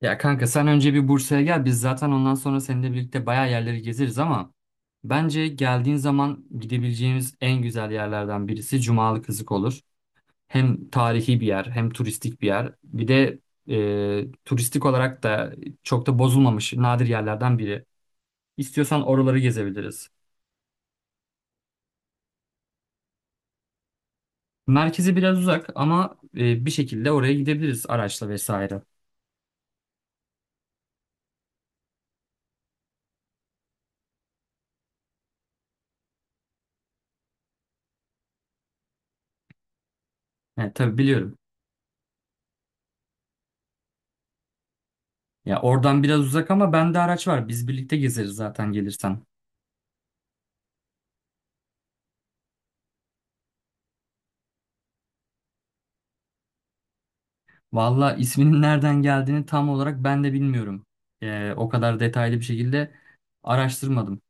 Ya kanka sen önce bir Bursa'ya gel. Biz zaten ondan sonra seninle birlikte bayağı yerleri gezeriz ama bence geldiğin zaman gidebileceğimiz en güzel yerlerden birisi Cumalı Kızık olur. Hem tarihi bir yer hem turistik bir yer. Bir de turistik olarak da çok da bozulmamış nadir yerlerden biri. İstiyorsan oraları gezebiliriz. Merkezi biraz uzak ama bir şekilde oraya gidebiliriz araçla vesaire. Yani tabii biliyorum. Ya oradan biraz uzak ama bende araç var. Biz birlikte gezeriz zaten gelirsen. Valla isminin nereden geldiğini tam olarak ben de bilmiyorum. O kadar detaylı bir şekilde araştırmadım.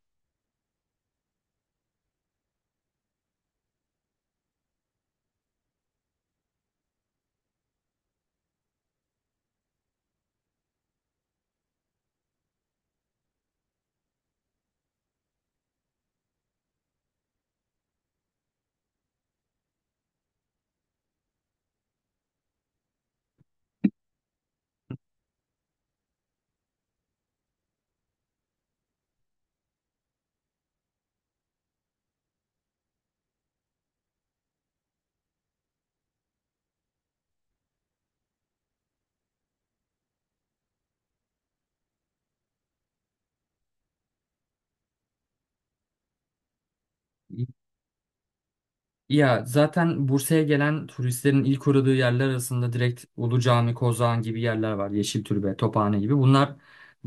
Ya zaten Bursa'ya gelen turistlerin ilk uğradığı yerler arasında direkt Ulu Cami, Kozağan gibi yerler var. Yeşiltürbe, Tophane gibi. Bunlar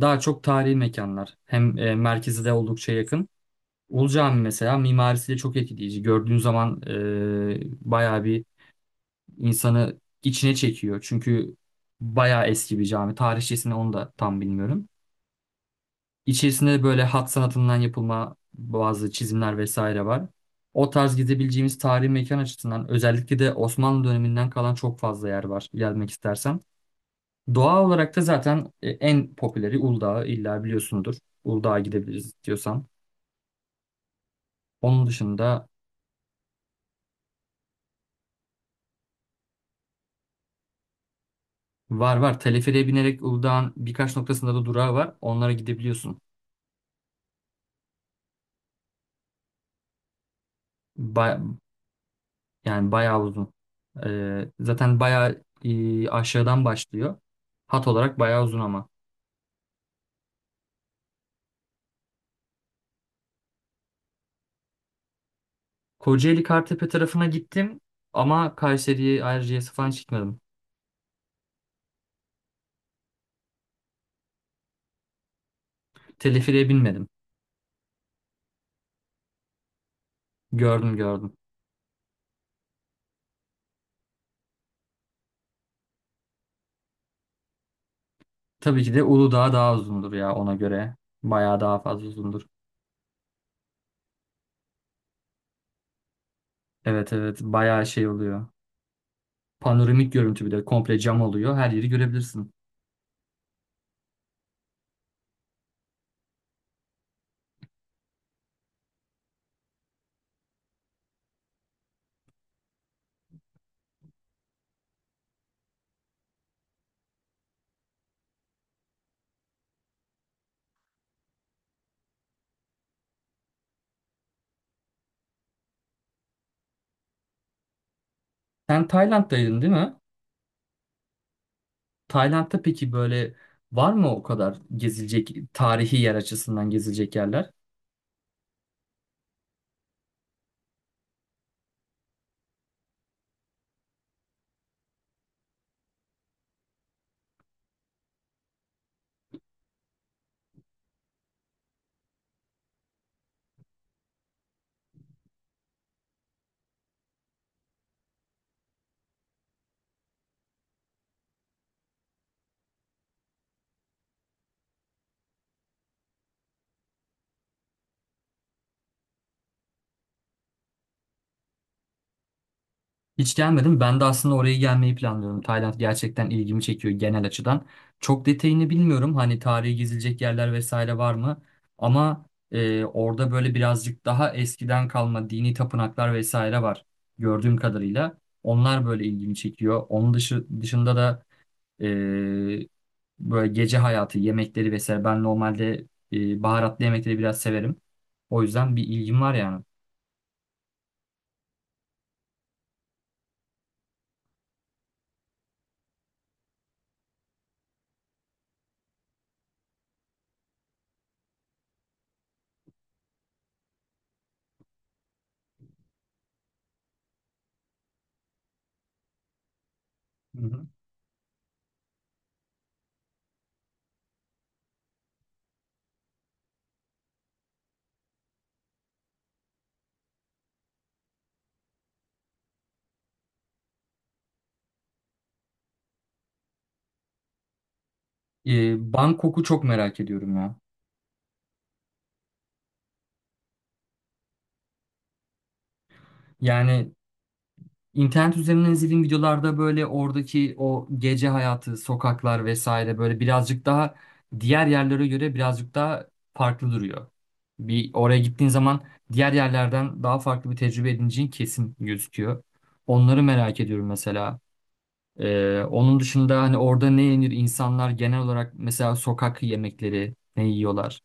daha çok tarihi mekanlar. Hem merkezi de oldukça yakın. Ulu Cami mesela mimarisi de çok etkileyici. Gördüğün zaman bayağı bir insanı içine çekiyor. Çünkü bayağı eski bir cami. Tarihçesini onu da tam bilmiyorum. İçerisinde de böyle hat sanatından yapılma bazı çizimler vesaire var. O tarz gidebileceğimiz tarihi mekan açısından özellikle de Osmanlı döneminden kalan çok fazla yer var gelmek istersen. Doğa olarak da zaten en popüleri Uludağ'ı illa biliyorsundur. Uludağ'a gidebiliriz diyorsan. Onun dışında var var teleferiğe binerek Uludağ'ın birkaç noktasında da durağı var. Onlara gidebiliyorsun. Ba- Yani bayağı uzun. Zaten bayağı aşağıdan başlıyor. Hat olarak bayağı uzun ama. Kocaeli Kartepe tarafına gittim ama Kayseri'ye, Ayrıca'ya falan hiç gitmedim. Teleferiğe binmedim. Gördüm gördüm. Tabii ki de Uludağ daha uzundur ya ona göre. Bayağı daha fazla uzundur. Evet evet bayağı şey oluyor. Panoramik görüntü bir de komple cam oluyor. Her yeri görebilirsin. Sen Tayland'daydın değil mi? Tayland'da peki böyle var mı o kadar gezilecek tarihi yer açısından gezilecek yerler? Hiç gelmedim. Ben de aslında oraya gelmeyi planlıyorum. Tayland gerçekten ilgimi çekiyor genel açıdan. Çok detayını bilmiyorum. Hani tarihi gezilecek yerler vesaire var mı? Ama orada böyle birazcık daha eskiden kalma dini tapınaklar vesaire var. Gördüğüm kadarıyla. Onlar böyle ilgimi çekiyor. Onun dışında da e, böyle gece hayatı, yemekleri vesaire. Ben normalde baharatlı yemekleri biraz severim. O yüzden bir ilgim var yani. Hı hı. Bangkok'u çok merak ediyorum ya. Yani İnternet üzerinden izlediğim videolarda böyle oradaki o gece hayatı, sokaklar vesaire böyle birazcık daha diğer yerlere göre birazcık daha farklı duruyor. Bir oraya gittiğin zaman diğer yerlerden daha farklı bir tecrübe edineceğin kesin gözüküyor. Onları merak ediyorum mesela. Onun dışında hani orada ne yenir insanlar genel olarak mesela sokak yemekleri ne yiyorlar?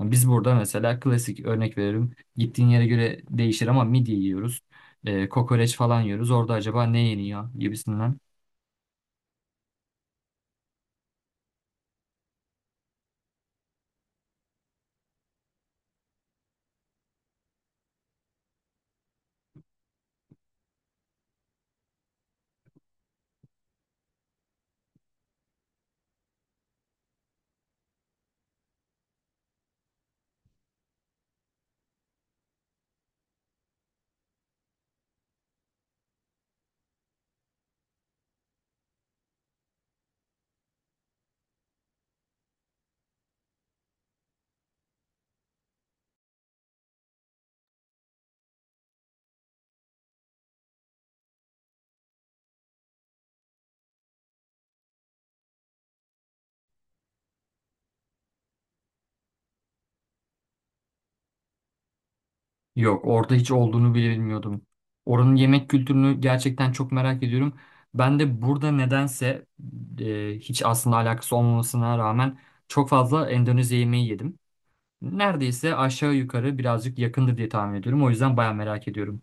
Biz burada mesela klasik örnek veririm. Gittiğin yere göre değişir ama midye yiyoruz. Kokoreç falan yiyoruz. Orada acaba ne yeniyor gibisinden. Yok orada hiç olduğunu bile bilmiyordum. Oranın yemek kültürünü gerçekten çok merak ediyorum. Ben de burada nedense hiç aslında alakası olmamasına rağmen çok fazla Endonezya yemeği yedim. Neredeyse aşağı yukarı birazcık yakındır diye tahmin ediyorum. O yüzden baya merak ediyorum.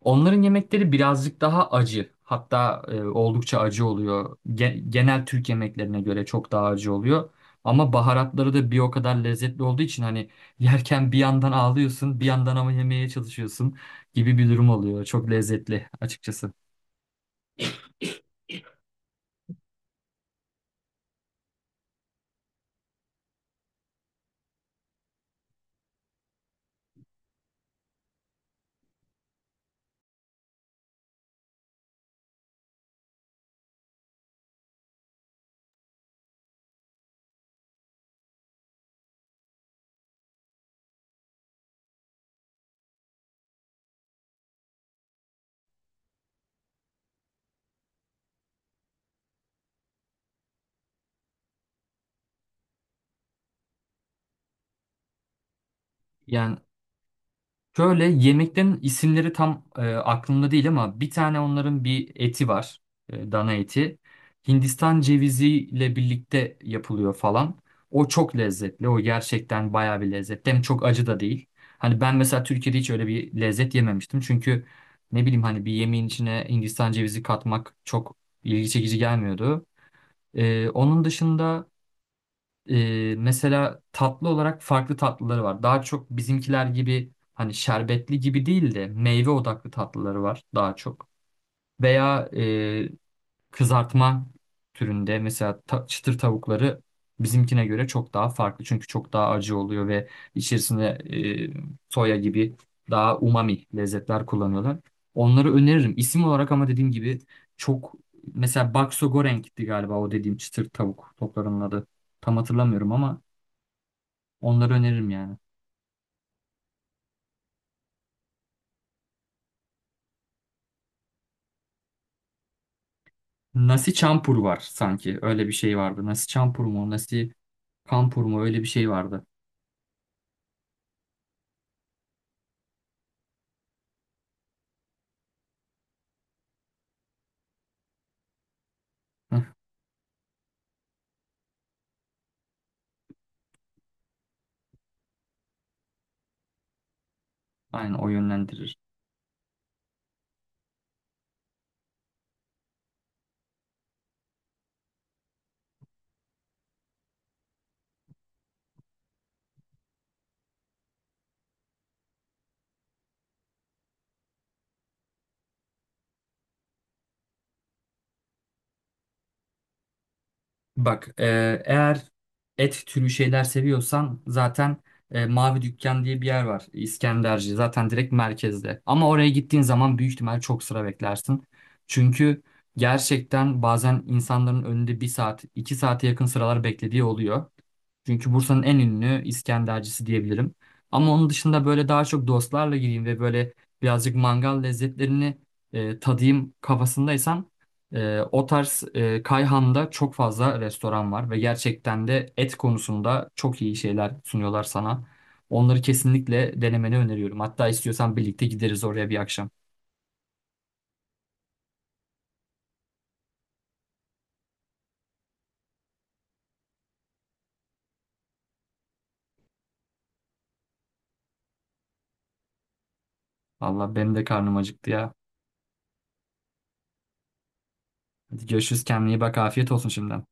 Onların yemekleri birazcık daha acı. Hatta oldukça acı oluyor. Genel Türk yemeklerine göre çok daha acı oluyor. Ama baharatları da bir o kadar lezzetli olduğu için hani yerken bir yandan ağlıyorsun, bir yandan ama yemeye çalışıyorsun gibi bir durum oluyor. Çok lezzetli açıkçası. Yani şöyle yemeklerin isimleri tam aklımda değil ama bir tane onların bir eti var. Dana eti. Hindistan ceviziyle birlikte yapılıyor falan. O çok lezzetli. O gerçekten bayağı bir lezzetli. Hem çok acı da değil. Hani ben mesela Türkiye'de hiç öyle bir lezzet yememiştim. Çünkü ne bileyim hani bir yemeğin içine Hindistan cevizi katmak çok ilgi çekici gelmiyordu. Onun dışında mesela tatlı olarak farklı tatlıları var. Daha çok bizimkiler gibi hani şerbetli gibi değil de meyve odaklı tatlıları var daha çok. Veya kızartma türünde mesela çıtır tavukları bizimkine göre çok daha farklı. Çünkü çok daha acı oluyor ve içerisinde soya gibi daha umami lezzetler kullanıyorlar. Onları öneririm. İsim olarak ama dediğim gibi çok mesela bakso goreng'ti galiba o dediğim çıtır tavuk toplarının adı. Tam hatırlamıyorum ama onları öneririm yani. Nasi Campur var sanki. Öyle bir şey vardı. Nasi Campur mu? Nasi Kampur mu? Öyle bir şey vardı. Heh, aynen o yönlendirir. Bak eğer et türü şeyler seviyorsan zaten Mavi Dükkan diye bir yer var İskenderci zaten direkt merkezde. Ama oraya gittiğin zaman büyük ihtimal çok sıra beklersin. Çünkü gerçekten bazen insanların önünde bir saat iki saate yakın sıralar beklediği oluyor. Çünkü Bursa'nın en ünlü İskendercisi diyebilirim. Ama onun dışında böyle daha çok dostlarla gireyim ve böyle birazcık mangal lezzetlerini tadayım kafasındaysan o tarz Kayhan'da çok fazla restoran var ve gerçekten de et konusunda çok iyi şeyler sunuyorlar sana. Onları kesinlikle denemeni öneriyorum. Hatta istiyorsan birlikte gideriz oraya bir akşam. Valla benim de karnım acıktı ya. Hadi görüşürüz, kendine iyi bak, afiyet olsun şimdiden.